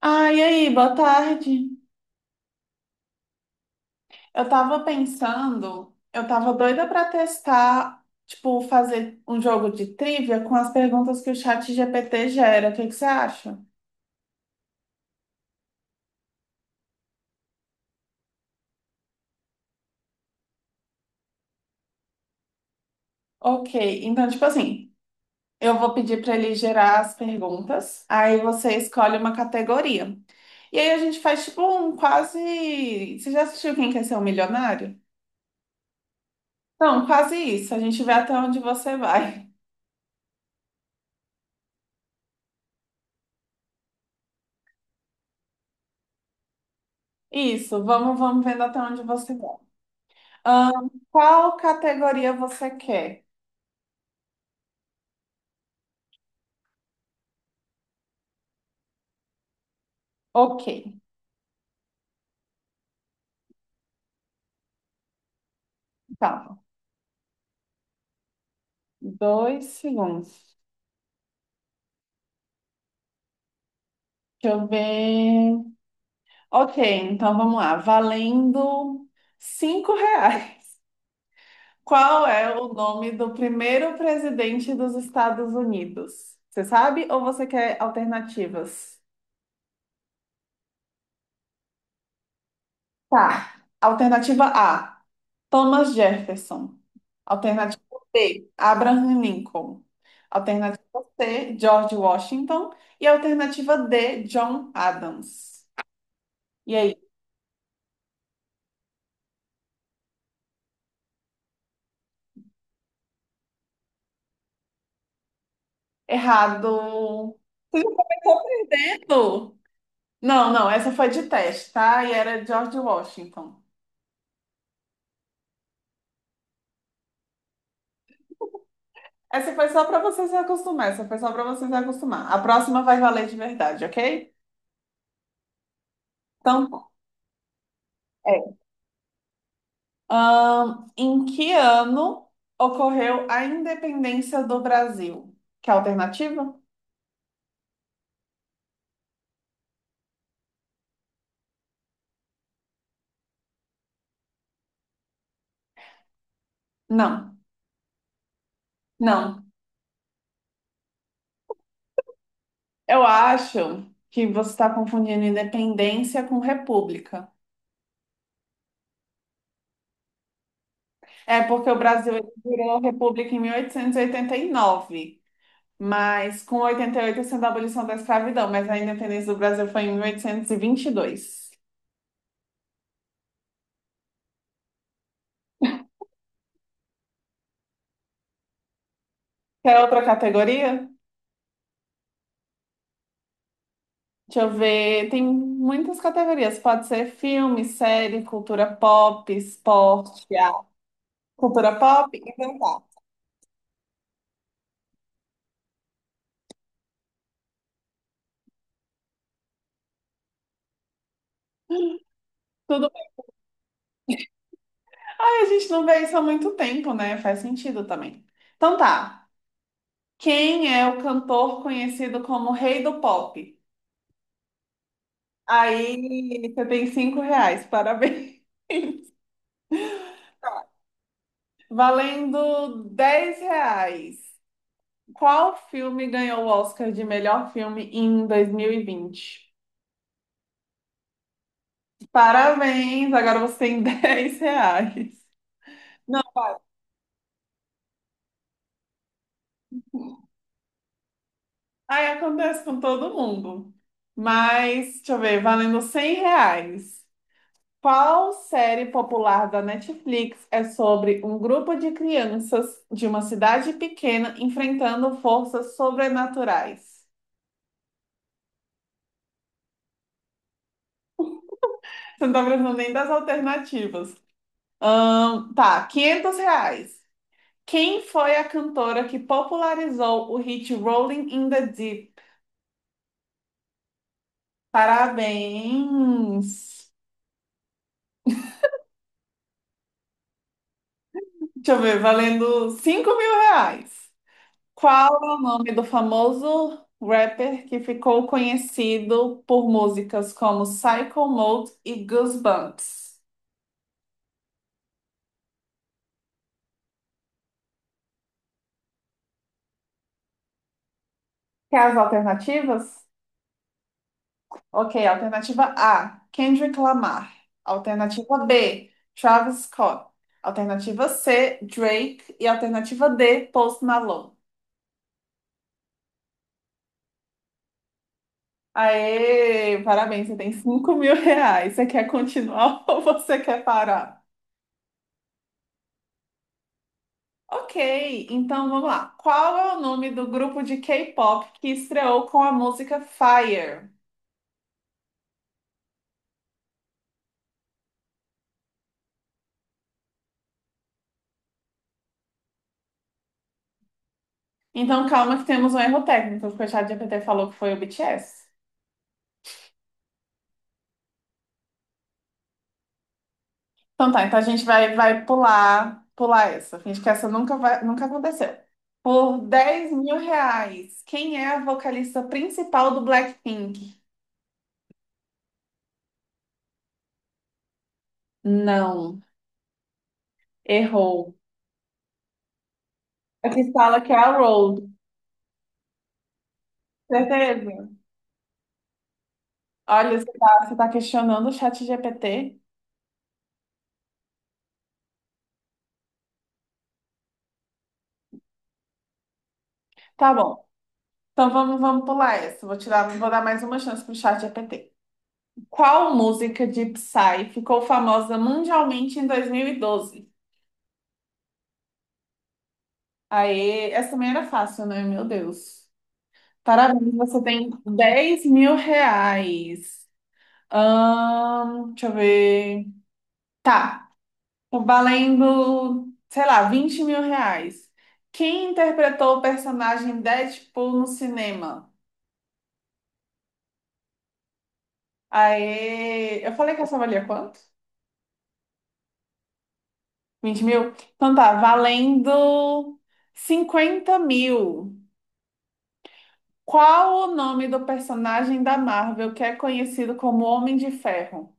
Ah, e aí, boa tarde. Eu tava doida pra testar, tipo, fazer um jogo de trivia com as perguntas que o chat GPT gera. O que que você acha? Ok, então, tipo assim, eu vou pedir pra ele gerar as perguntas, aí você escolhe uma categoria. E aí a gente faz, tipo, um quase. Você já assistiu Quem Quer Ser um Milionário? Não, quase isso. A gente vê até onde você vai. Isso, vamos vendo até onde você vai. Qual categoria você quer? Ok, calma. 2 segundos. Deixa eu ver. Ok, então vamos lá. Valendo R$ 5. Qual é o nome do primeiro presidente dos Estados Unidos? Você sabe ou você quer alternativas? Tá. Alternativa A. Thomas Jefferson. Alternativa B, Abraham Lincoln. Alternativa C, George Washington. E alternativa D, John Adams. E aí? Errado. Errou. Não, não, essa foi de teste, tá? E era George Washington. Essa foi só para você se acostumar. Essa foi só para você se acostumar. A próxima vai valer de verdade, ok? Então, tá. É. Em que ano ocorreu a independência do Brasil? Que alternativa? Não, não. Eu acho que você está confundindo independência com república. É porque o Brasil ele virou república em mil oitocentos e oitenta e nove, mas com 88 sendo a abolição da escravidão, mas a independência do Brasil foi em mil oitocentos e vinte e dois. Quer outra categoria? Deixa eu ver. Tem muitas categorias. Pode ser filme, série, cultura pop, esporte, arte. Cultura pop? Então tá. Tudo. Ai, a gente não vê isso há muito tempo, né? Faz sentido também. Então tá. Quem é o cantor conhecido como Rei do Pop? Aí você tem R$ 5, parabéns. Valendo R$ 10. Qual filme ganhou o Oscar de melhor filme em 2020? Parabéns, agora você tem R$ 10. Não, aí acontece com todo mundo. Mas, deixa eu ver, valendo R$ 100. Qual série popular da Netflix é sobre um grupo de crianças de uma cidade pequena enfrentando forças sobrenaturais? Você não tá lembrando nem das alternativas. Tá, R$ 500. Quem foi a cantora que popularizou o hit Rolling in the Deep? Parabéns! Deixa eu ver, valendo R$ 5.000. Qual é o nome do famoso rapper que ficou conhecido por músicas como Psycho Mode e Goosebumps? Quer as alternativas? Ok, alternativa A, Kendrick Lamar. Alternativa B, Travis Scott. Alternativa C, Drake. E alternativa D, Post Malone. Aê, parabéns, você tem R$ 5.000. Você quer continuar ou você quer parar? Ok, então vamos lá. Qual é o nome do grupo de K-pop que estreou com a música Fire? Então calma que temos um erro técnico, porque o ChatGPT falou que foi o BTS. Então tá, então a gente vai, pular essa. Finge que essa nunca aconteceu. Por R$ 10.000, quem é a vocalista principal do Blackpink? Não, errou. Aqui fala que é a Road. Certeza? Olha, você tá questionando o chat ChatGPT? Tá bom. Então vamos pular essa. Vou dar mais uma chance pro chat GPT. Qual música de Psy ficou famosa mundialmente em 2012? Aê, essa também era fácil, né? Meu Deus. Parabéns, você tem R$ 10.000. Deixa eu ver. Tá, tô valendo, sei lá, R$ 20.000. Quem interpretou o personagem Deadpool no cinema? Aê, eu falei que essa valia quanto? 20 mil? Então tá, valendo 50 mil. Qual o nome do personagem da Marvel que é conhecido como Homem de Ferro?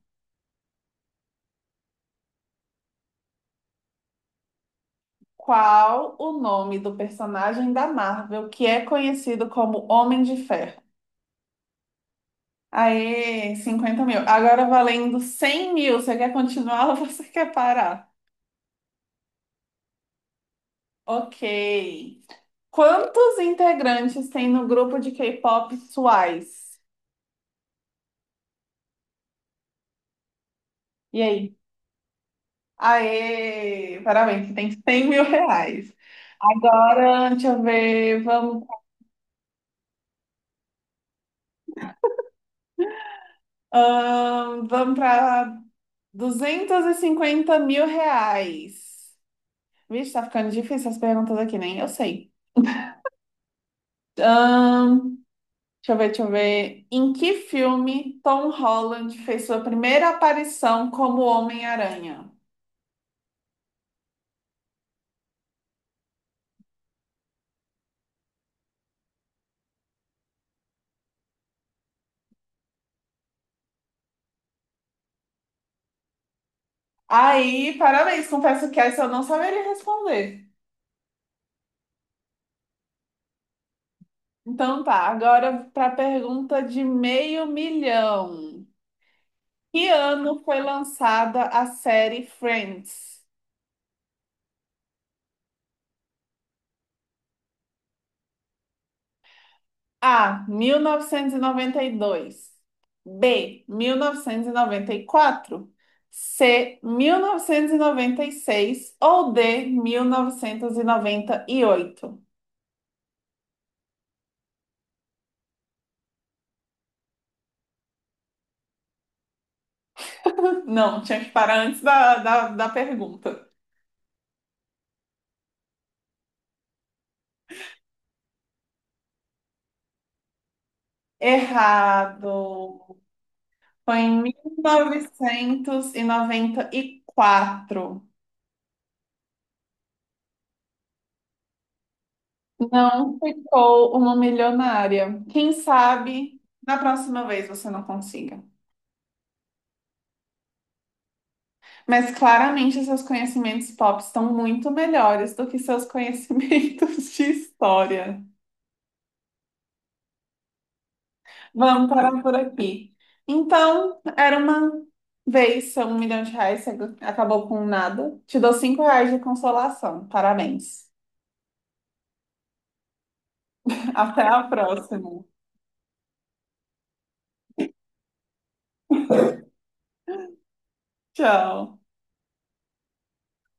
Qual o nome do personagem da Marvel que é conhecido como Homem de Ferro? Aê, 50 mil. Agora valendo 100 mil. Você quer continuar ou você quer parar? Ok. Quantos integrantes tem no grupo de K-pop Twice? E aí? Aê! Parabéns, você tem R$ 100.000. Agora, deixa eu ver, vamos, vamos para R$ 250.000. Vixe, tá ficando difícil as perguntas aqui, nem eu sei. Ahn, deixa eu ver, deixa eu ver. Em que filme Tom Holland fez sua primeira aparição como Homem-Aranha? Aí, parabéns, confesso que essa eu não saberia responder. Então tá, agora para a pergunta de 500 mil. Que ano foi lançada a série Friends? A. 1992. B. 1994. C. 1996. Ou D. 1998. Não, tinha que parar antes da pergunta. Errado. Foi em 1994. Não ficou uma milionária. Quem sabe na próxima vez você não consiga. Mas claramente seus conhecimentos pop estão muito melhores do que seus conhecimentos de história. Vamos parar por aqui. Então, era uma vez, seu R$ 1.000.000, você acabou com nada. Te dou R$ 5 de consolação. Parabéns. Até a próxima. Tchau.